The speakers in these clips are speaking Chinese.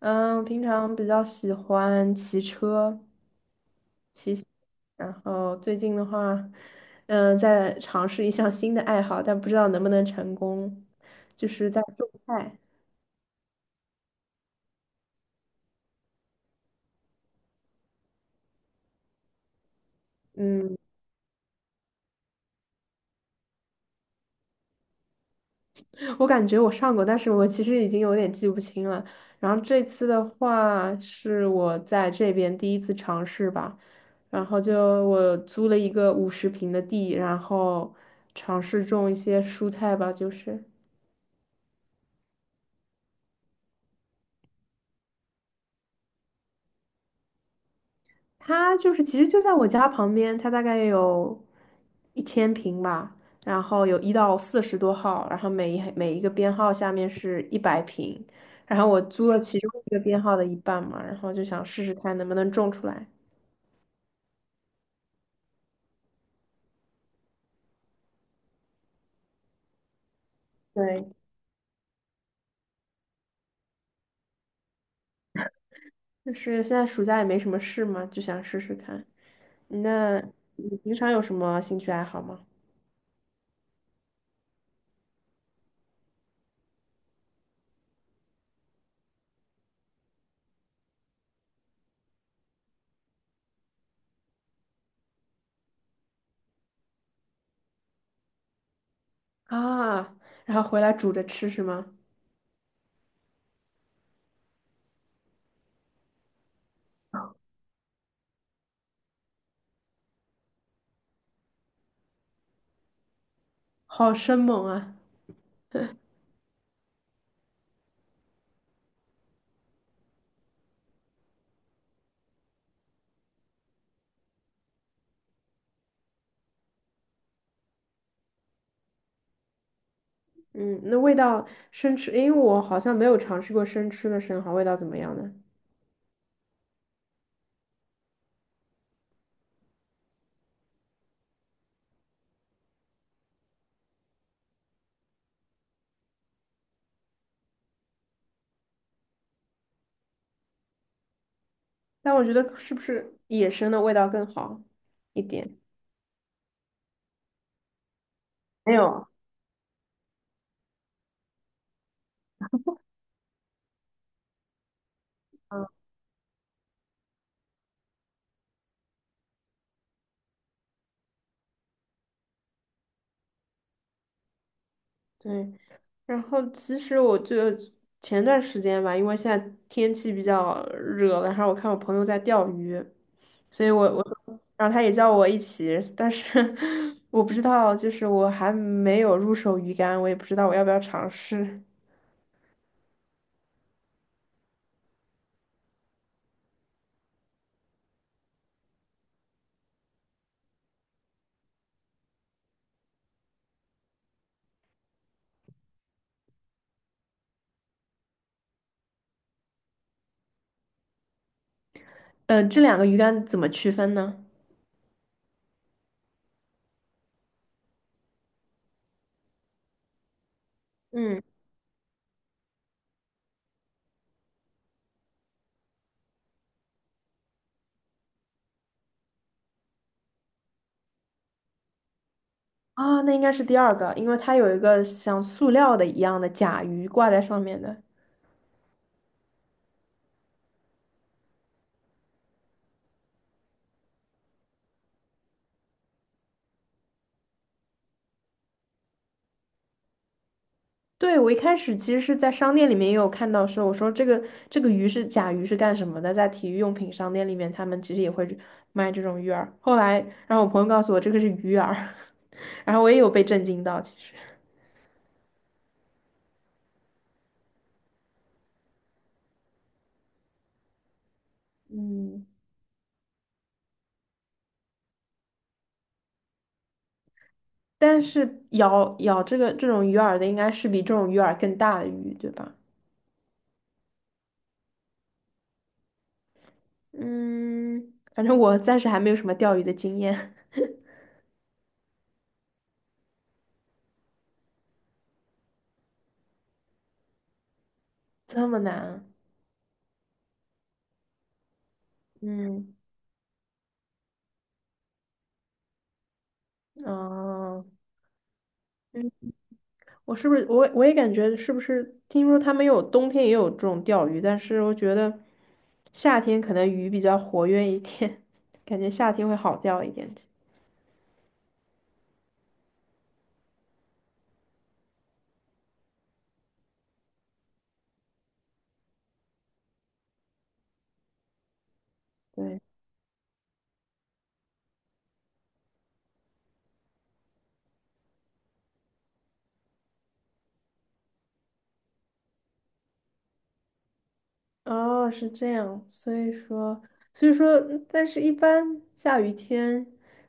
嗯，平常比较喜欢骑车，骑行，然后最近的话，在尝试一项新的爱好，但不知道能不能成功，就是在种菜。嗯，我感觉我上过，但是我其实已经有点记不清了。然后这次的话是我在这边第一次尝试吧，然后就我租了一个50平的地，然后尝试种一些蔬菜吧，就是。它就是其实就在我家旁边，它大概有1000平吧，然后有1到40多号，然后每一个编号下面是100平，然后我租了其中一个编号的一半嘛，然后就想试试看能不能种出来。对，就是现在暑假也没什么事嘛，就想试试看。那你平常有什么兴趣爱好吗？啊，然后回来煮着吃是吗？好生猛啊！嗯，那味道生吃，因为我好像没有尝试过生吃的生蚝，味道怎么样呢？但我觉得是不是野生的味道更好一点？没有，嗯，对。然后其实我就前段时间吧，因为现在天气比较热了然后我看我朋友在钓鱼，所以然后他也叫我一起，但是 我不知道，就是我还没有入手鱼竿，我也不知道我要不要尝试。这两个鱼竿怎么区分呢？嗯。啊，那应该是第二个，因为它有一个像塑料的一样的甲鱼挂在上面的。对，我一开始其实是在商店里面也有看到说，我说这个鱼是甲鱼是干什么的？在体育用品商店里面，他们其实也会卖这种鱼饵。后来，然后我朋友告诉我这个是鱼饵，然后我也有被震惊到，其实。嗯，但是咬这种鱼饵的应该是比这种鱼饵更大的鱼，对吧？嗯，反正我暂时还没有什么钓鱼的经验，这么难啊嗯。哦，嗯，我是不是我也感觉是不是听说他们有冬天也有这种钓鱼，但是我觉得夏天可能鱼比较活跃一点，感觉夏天会好钓一点。对，哦，是这样，所以说，但是一般下雨天，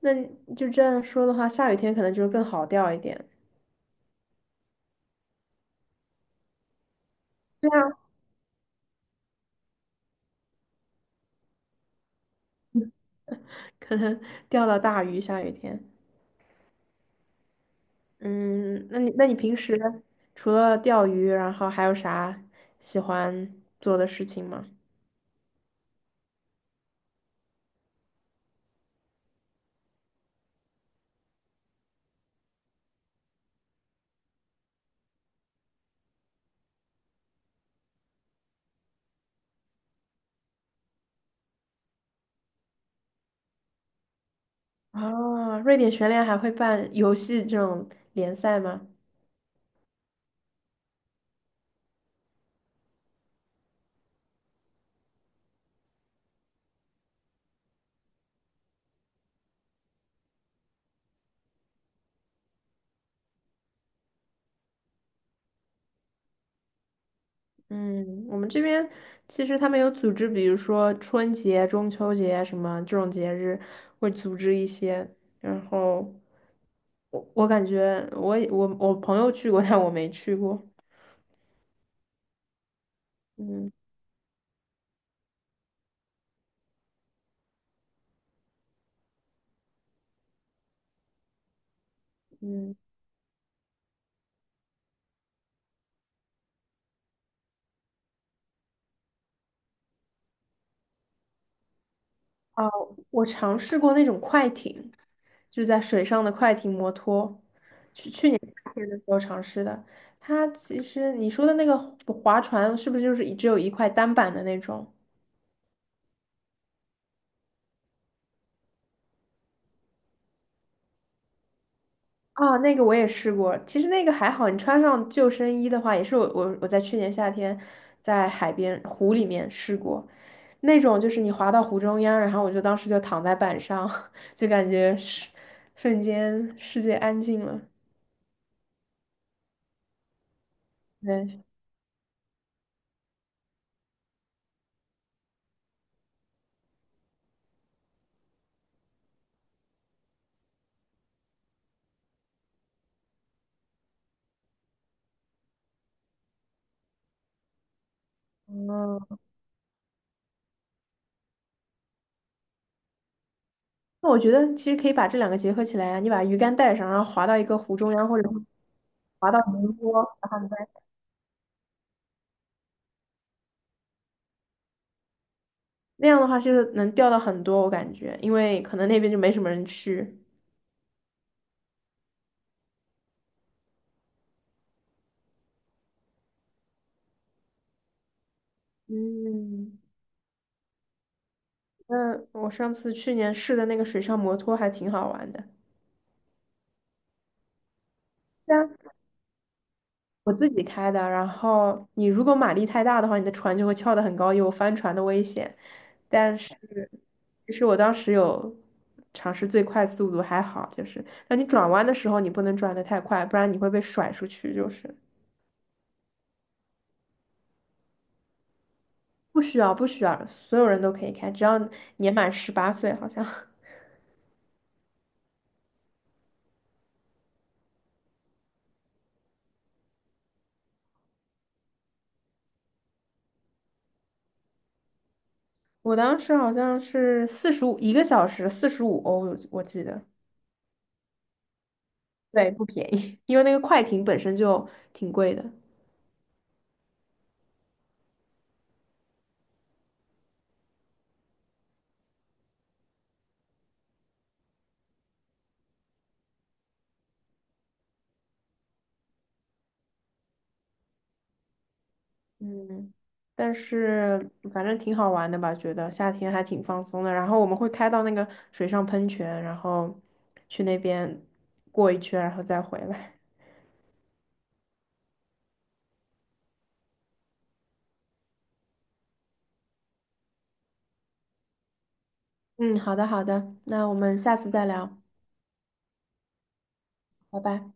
那你就这样说的话，下雨天可能就是更好钓一点。对啊，可能钓到大鱼，下雨天。嗯，那你平时除了钓鱼，然后还有啥喜欢做的事情吗？啊，瑞典全联还会办游戏这种联赛吗？嗯，我们这边其实他们有组织，比如说春节、中秋节什么这种节日，会组织一些。然后我感觉我也我我朋友去过，但我没去过。嗯嗯，哦，我尝试过那种快艇，就是在水上的快艇摩托。是的时候尝试的。它其实你说的那个划船，是不是就是只有一块单板的那种？啊，那个我也试过，其实那个还好，你穿上救生衣的话，也是我在去年夏天在海边湖里面试过，那种就是你滑到湖中央，然后我就当时就躺在板上，就感觉是瞬间世界安静了。对，嗯，那我觉得其实可以把这两个结合起来啊，你把鱼竿带上，然后滑到一个湖中央或者滑到湖泊。那样的话就是能钓到很多，我感觉，因为可能那边就没什么人去。嗯，那我上次去年试的那个水上摩托还挺好玩的，对啊，我自己开的，然后你如果马力太大的话，你的船就会翘得很高，有翻船的危险。但是其实我当时有尝试最快速度，还好，就是那你转弯的时候，你不能转得太快，不然你会被甩出去。就是不需要，不需要，所有人都可以开，只要年满18岁，好像。我当时好像是45一个小时45欧，我记得，对，不便宜，因为那个快艇本身就挺贵的。嗯，但是反正挺好玩的吧，觉得夏天还挺放松的。然后我们会开到那个水上喷泉，然后去那边过一圈，然后再回来。嗯，好的好的，那我们下次再聊，拜拜。